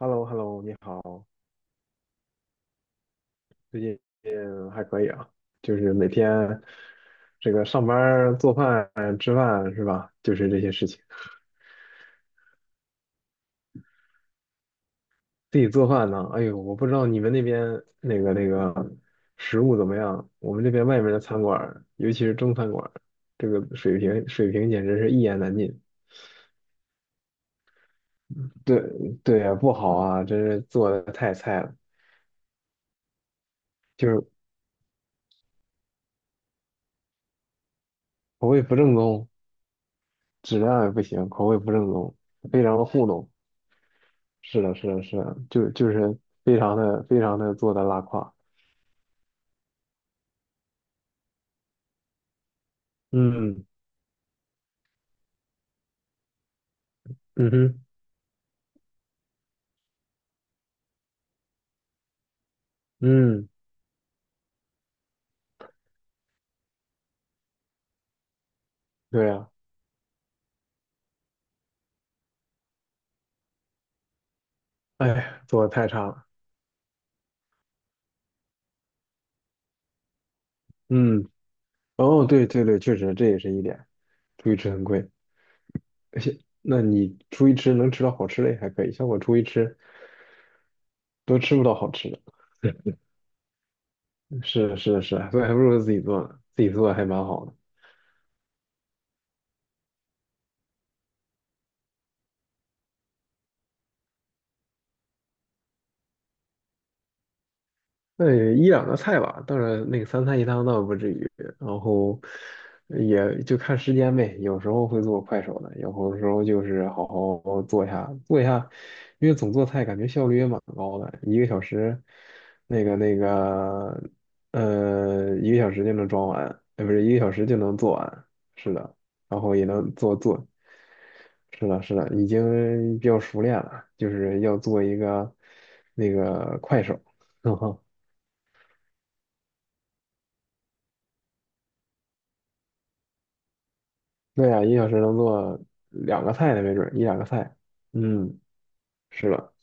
h e l l o h e l l o 你好，最近还可以啊，就是每天这个上班儿做饭、吃饭是吧？就是这些事情。自己做饭呢，哎呦，我不知道你们那边那个食物怎么样，我们这边外面的餐馆儿尤其是中餐馆儿这个水平简直是一言难尽。对对呀，不好啊，真是做的太菜了，就是口味不正宗，质量也不行，口味不正宗，非常的糊弄。是的，是的，是的，就是非常的做的拉胯，嗯嗯哼，嗯，对呀，哎，做的太差了，嗯，哦，对对对，确实这也是一点，出去吃很贵，那你出去吃能吃到好吃的也还可以，像我出去吃都吃不到好吃的，是的，是的，是的所以还不如自己做呢，自己做的还蛮好的。那也一两个菜吧，当然那个三菜一汤倒不至于，然后也就看时间呗，有时候会做快手的，有时候就是好好做一下，因为总做菜感觉效率也蛮高的，一个小时，那个那个，一个小时就能装完，不是一个小时就能做完，是的，然后也能做做，是的，是的，已经比较熟练了，就是要做一个那个快手。对呀，一个小时能做两个菜呢，没准儿一两个菜。嗯，是的，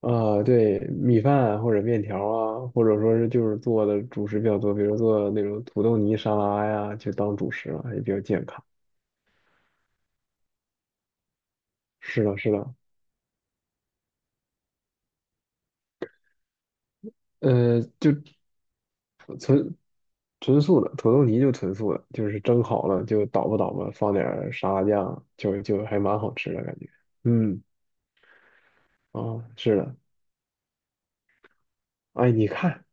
对，米饭或者面条啊，或者说是就是做的主食比较多，比如做那种土豆泥沙拉呀，就当主食了，也比较健康。是的，是的，就纯纯素的土豆泥就纯素的，就是蒸好了就捣吧捣吧，放点儿沙拉酱，就还蛮好吃的感觉。嗯，啊，是的，哎，你看，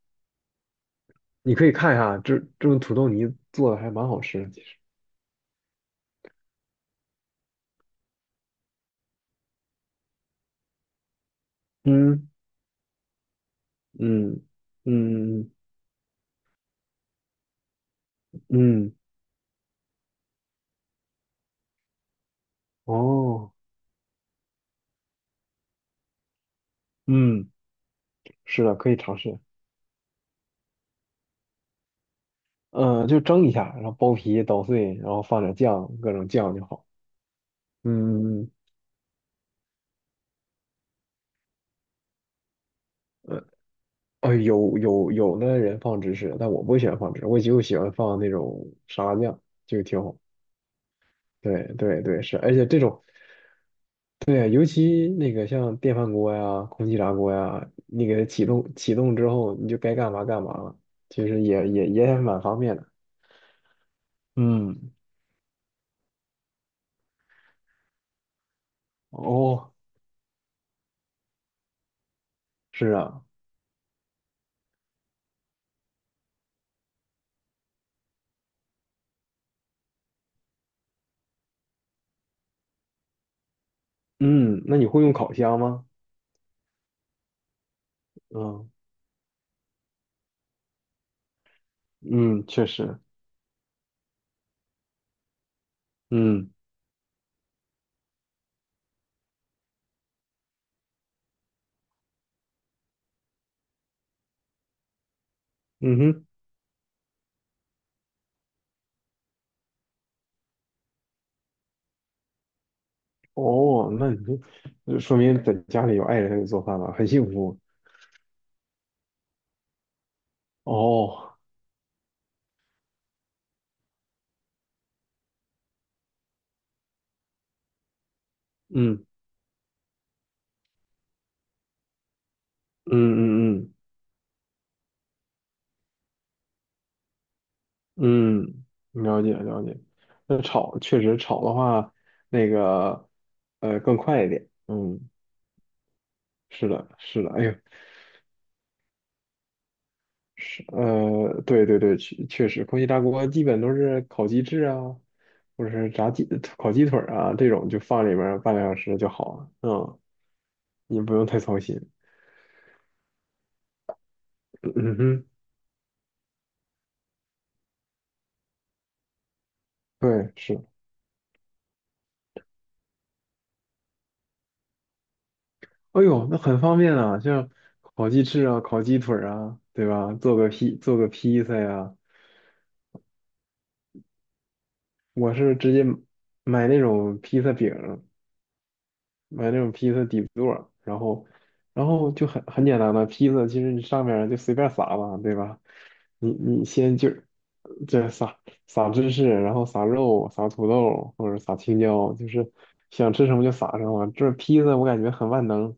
你可以看一下，这种土豆泥做的还蛮好吃的，其实。嗯嗯嗯嗯，哦，嗯，是的，可以尝试。嗯，就蒸一下，然后剥皮捣碎，然后放点酱，各种酱就好。嗯，呃，哦，有的人放芝士，但我不喜欢放芝士，我就喜欢放那种沙拉酱，就挺好。对对对，是，而且这种，对，尤其那个像电饭锅呀、空气炸锅呀，你给它启动启动之后，你就该干嘛干嘛了，其实也蛮方便的。嗯。哦，是啊，嗯，那你会用烤箱吗？嗯嗯，确实，嗯嗯哼，哦，那你就说明在家里有爱人给做饭了，很幸福。哦，嗯嗯嗯嗯嗯，了解了解。那炒确实炒的话，那个更快一点。嗯，是的，是的。哎呦，是，对对对，确实，空气炸锅基本都是烤鸡翅啊，或者是炸鸡、烤鸡腿儿啊这种，就放里面儿半个小时就好了。嗯，你不用太操心。嗯嗯哼，对，是。哎呦，那很方便啊，像烤鸡翅啊、烤鸡腿儿啊，对吧？做个披萨呀、我是直接买那种披萨饼，买那种披萨底座，然后就很简单的披萨，其实你上面儿就随便撒吧，对吧？你先就撒芝士，然后撒肉、撒土豆或者撒青椒，就是想吃什么就撒什么。这披萨我感觉很万能，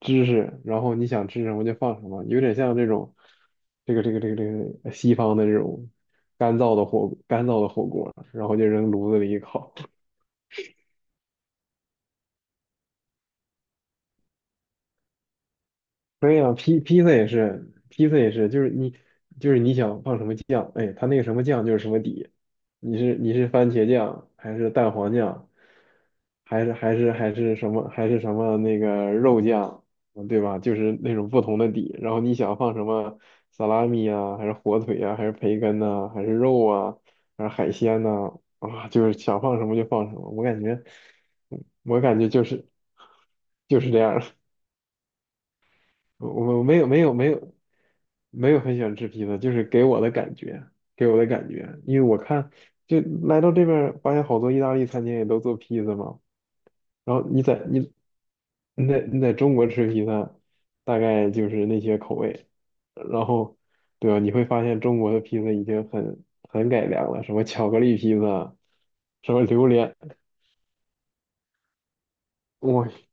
芝士，然后你想吃什么就放什么，有点像这种这个西方的这种干燥的火锅，然后就扔炉子里一烤。对呀，披萨也是，披萨也是，就是你想放什么酱，哎，它那个什么酱就是什么底，你是番茄酱还是蛋黄酱，还是什么那个肉酱，嗯对吧？就是那种不同的底，然后你想放什么萨拉米啊，还是火腿啊，还是培根呐、还是肉啊，还是海鲜呐、啊，就是想放什么就放什么，我感觉嗯我感觉就是就是这样。我我没有很喜欢吃披萨，就是给我的感觉，因为我看就来到这边儿发现好多意大利餐厅也都做披萨嘛，然后你在中国吃披萨，大概就是那些口味，然后对吧？你会发现中国的披萨已经很改良了，什么巧克力披萨，什么榴莲，我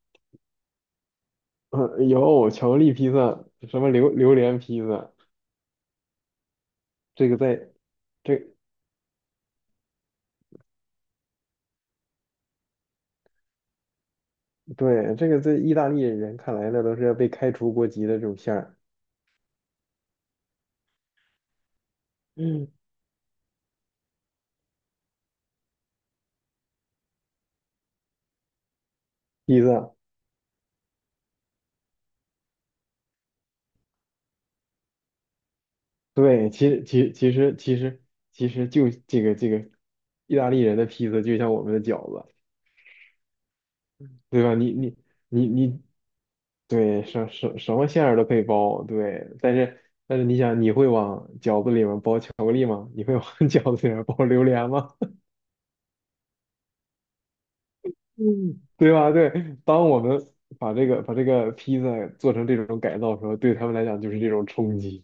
有巧克力披萨，什么榴莲披萨，这个在。这。对，这个在意大利人看来，那都是要被开除国籍的这种馅儿。嗯，披萨，对，其实就这个意大利人的披萨就像我们的饺子，对吧？你你你你，对，什么馅儿都可以包，对。但是你想，你会往饺子里面包巧克力吗？你会往 饺子里面包榴莲吗？嗯，对吧？对，当我们把这个披萨做成这种改造的时候，对他们来讲就是这种冲击。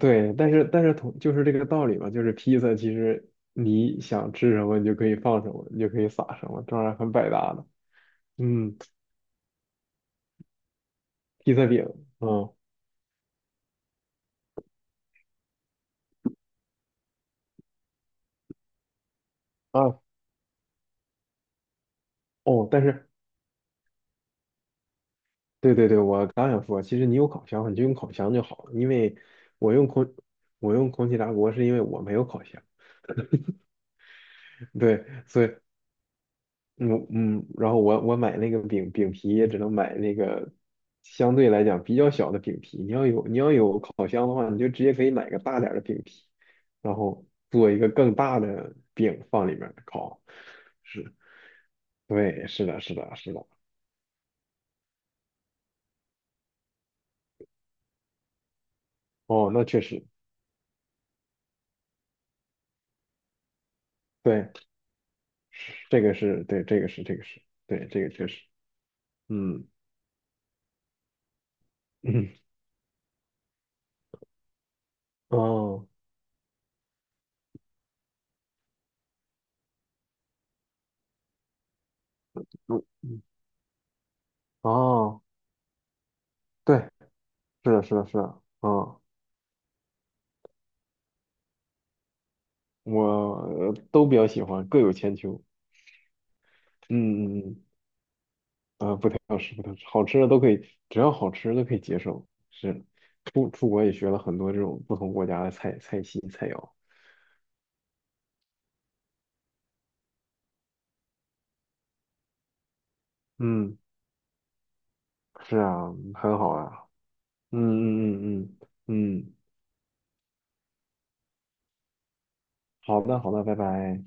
对，但是同就是这个道理嘛，就是披萨其实你想吃什么，你就可以放什么，你就可以撒什么，当然很百搭的。嗯，披萨饼，嗯啊哦，但是对对对，我刚想说，其实你有烤箱，你就用烤箱就好了，因为我用空我用空气炸锅是因为我没有烤箱，对，所以嗯嗯，然后我买那个饼皮也只能买那个相对来讲比较小的饼皮。你要有烤箱的话，你就直接可以买个大点儿的饼皮，然后做一个更大的饼放里面儿烤。是，对，是的，是的，是的。哦，那确实，对，这个是对，这个是对，这个确实，嗯嗯哦。嗯哦，对，是的，是的，是的，嗯，我都比较喜欢，各有千秋。嗯嗯嗯，啊，不太好吃，不太好吃，好吃的都可以，只要好吃的都可以接受。是，出国也学了很多这种不同国家的菜系菜肴。嗯，是啊，很好啊。嗯嗯嗯嗯嗯，嗯好的好的，拜拜。